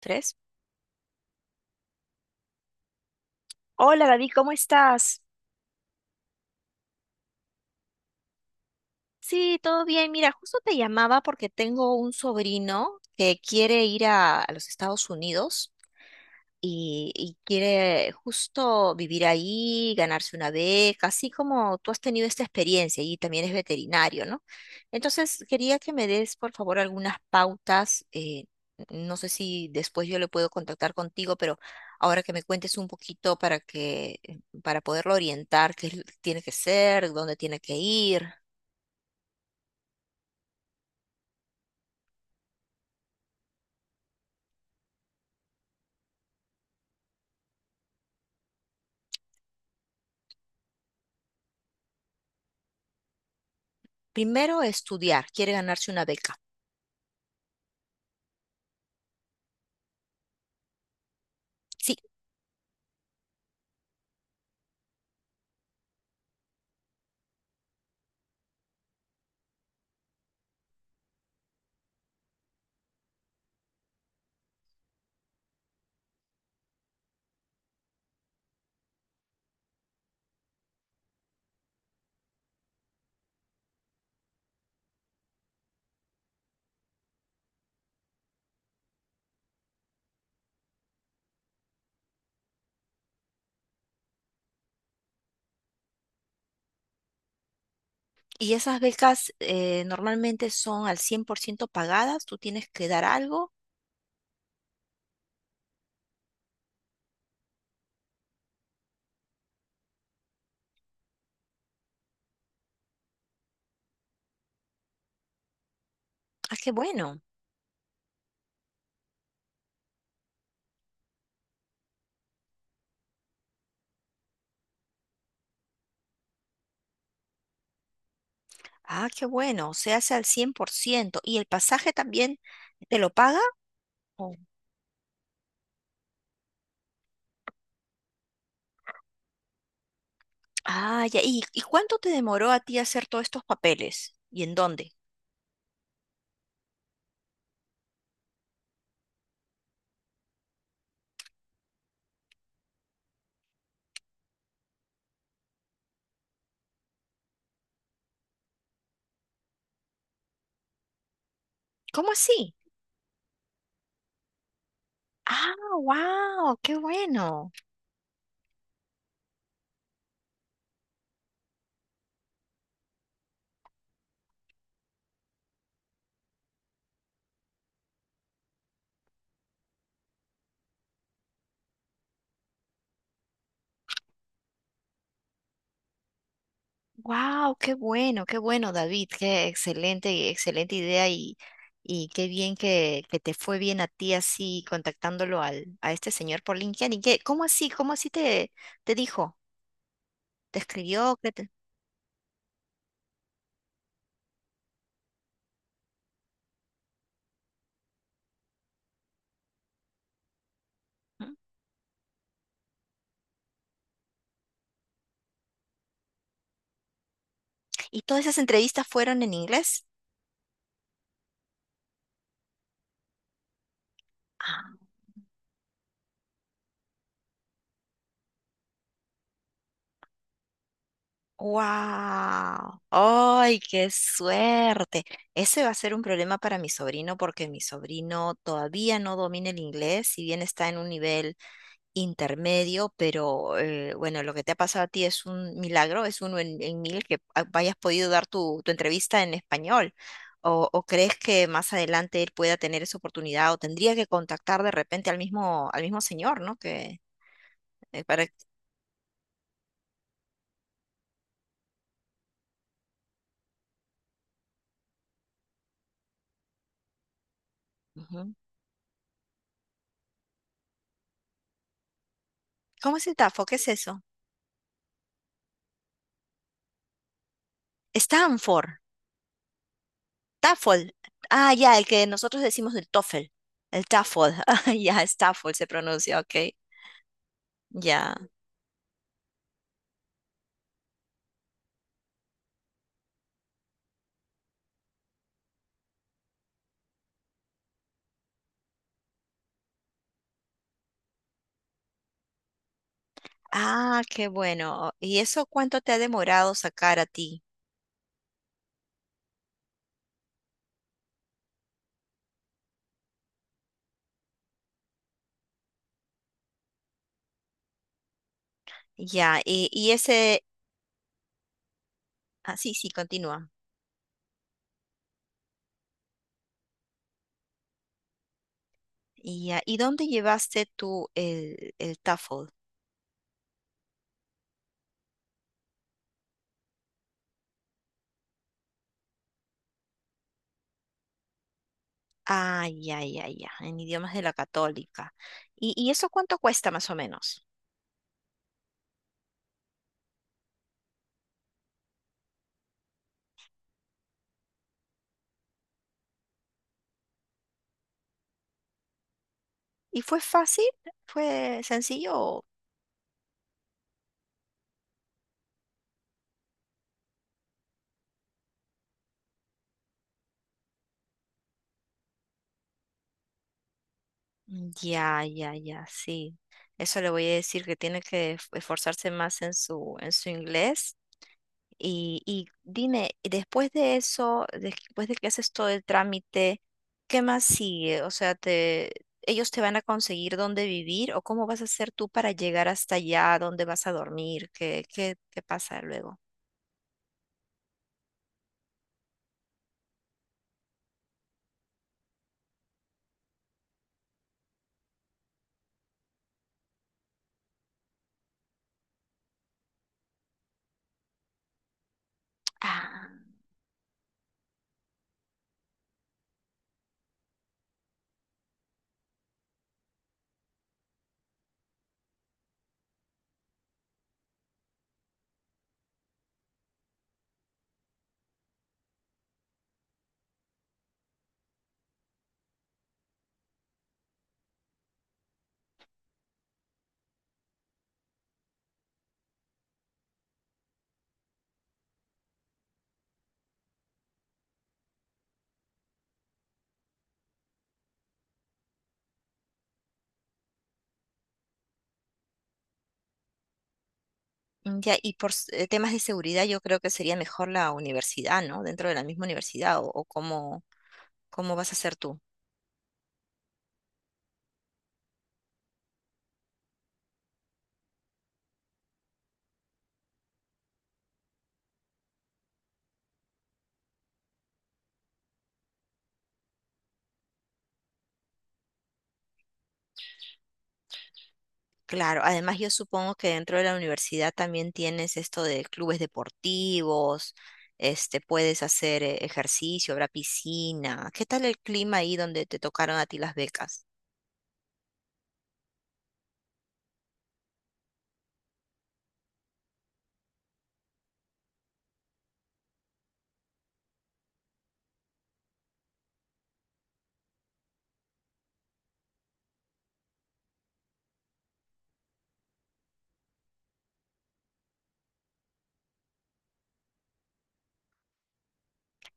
Tres. Hola David, ¿cómo estás? Sí, todo bien. Mira, justo te llamaba porque tengo un sobrino que quiere ir a los Estados Unidos y quiere justo vivir ahí, ganarse una beca, así como tú has tenido esta experiencia y también es veterinario, ¿no? Entonces, quería que me des, por favor, algunas pautas. No sé si después yo le puedo contactar contigo, pero ahora que me cuentes un poquito para que, para poderlo orientar, qué es lo que tiene que ser, dónde tiene que ir. Primero, estudiar, quiere ganarse una beca. Sí. Y esas becas normalmente son al 100% pagadas, ¿tú tienes que dar algo? Ah, qué bueno. Ah, qué bueno. Se hace al cien por ciento. ¿Y el pasaje también te lo paga? Oh. Ah, ya. ¿Y cuánto te demoró a ti hacer todos estos papeles? ¿Y en dónde? ¿Cómo así? Ah, wow, qué bueno. Wow, qué bueno, David, qué excelente y excelente idea y qué bien que te fue bien a ti así contactándolo al, a este señor por LinkedIn. ¿Y qué, cómo así te, te dijo? ¿Te escribió? ¿Qué te-? ¿Mm? ¿Y todas esas entrevistas fueron en inglés? Wow, ¡ay, qué suerte! Ese va a ser un problema para mi sobrino porque mi sobrino todavía no domina el inglés, si bien está en un nivel intermedio, pero bueno, lo que te ha pasado a ti es un milagro, es uno en mil que a- hayas podido dar tu, tu entrevista en español. ¿O, o crees que más adelante él pueda tener esa oportunidad o tendría que contactar de repente al mismo señor, ¿no? Que, para... Ujú. ¿Cómo es el TAFO? ¿Qué es eso? Stanford, TAFOL. Ah, ya, el que nosotros decimos el TOEFL. El TAFOL. Ah, ya, Stafford se pronuncia, ok. Ya. Ah, qué bueno. ¿Y eso cuánto te ha demorado sacar a ti? Ya, y ese, ah, sí, sí, continúa. Y ya, ¿y dónde llevaste tú el TOEFL? Ah, ya, ya, ya, en idiomas de la católica. ¿Y eso cuánto cuesta más o menos? ¿Y fue fácil? ¿Fue sencillo? Ya, ya, ya, sí. Eso le voy a decir que tiene que esforzarse más en su inglés. Y dime, y después de eso, después de que haces todo el trámite, ¿qué más sigue? O sea, te, ¿ellos te van a conseguir dónde vivir o cómo vas a hacer tú para llegar hasta allá, dónde vas a dormir? ¿Qué, qué, qué pasa luego? Ah, ya, y por s- temas de seguridad, yo creo que sería mejor la universidad, ¿no? Dentro de la misma universidad, o cómo, cómo vas a hacer tú. Claro, además yo supongo que dentro de la universidad también tienes esto de clubes deportivos, este, puedes hacer ejercicio, habrá piscina. ¿Qué tal el clima ahí donde te tocaron a ti las becas?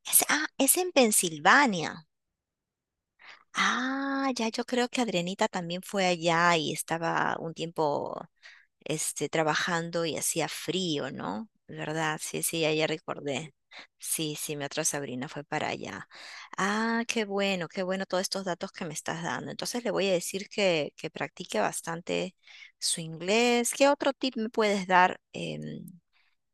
Es- ah, es en Pensilvania. Ah, ya yo creo que Adrianita también fue allá y estaba un tiempo este, trabajando y hacía frío, ¿no? ¿Verdad? Sí, sí, ya, ya recordé. Sí, sí, mi otra sobrina fue para allá. Ah, qué bueno todos estos datos que me estás dando. Entonces le voy a decir que practique bastante su inglés. ¿Qué otro tip me puedes dar?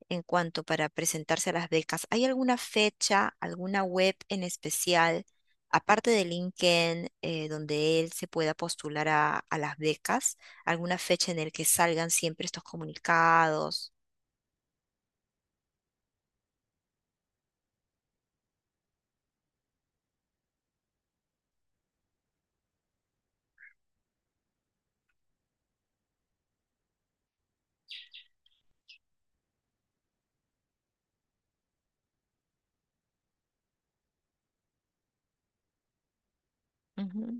¿En cuanto para presentarse a las becas? ¿Hay alguna fecha, alguna web en especial, aparte de LinkedIn, donde él se pueda postular a las becas? ¿Alguna fecha en el que salgan siempre estos comunicados? Ujú.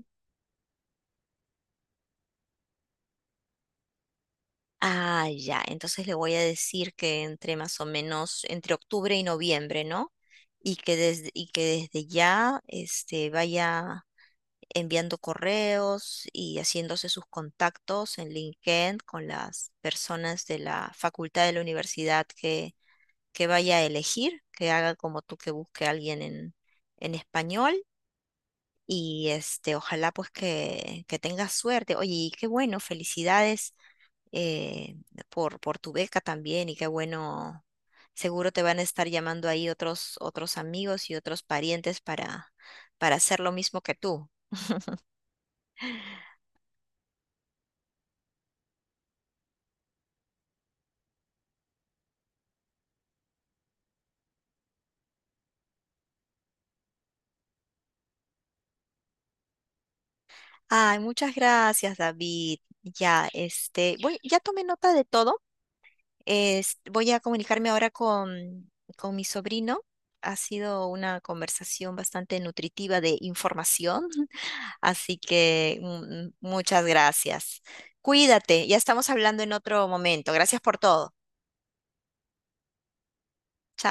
Ah, ya, entonces le voy a decir que entre más o menos entre octubre y noviembre, ¿no? Y que desde ya este, vaya enviando correos y haciéndose sus contactos en LinkedIn con las personas de la facultad de la universidad que vaya a elegir, que haga como tú que busque a alguien en español. Y este, ojalá pues que tengas suerte. Oye, y qué bueno, felicidades eh, por tu beca también y qué bueno. Seguro te van a estar llamando ahí otros, otros amigos y otros parientes para hacer lo mismo que tú. Ay, muchas gracias, David. Ya, este, voy, ya tomé nota de todo. Es- voy a comunicarme ahora con mi sobrino. Ha sido una conversación bastante nutritiva de información, así que muchas gracias. Cuídate, ya estamos hablando en otro momento. Gracias por todo. Chao.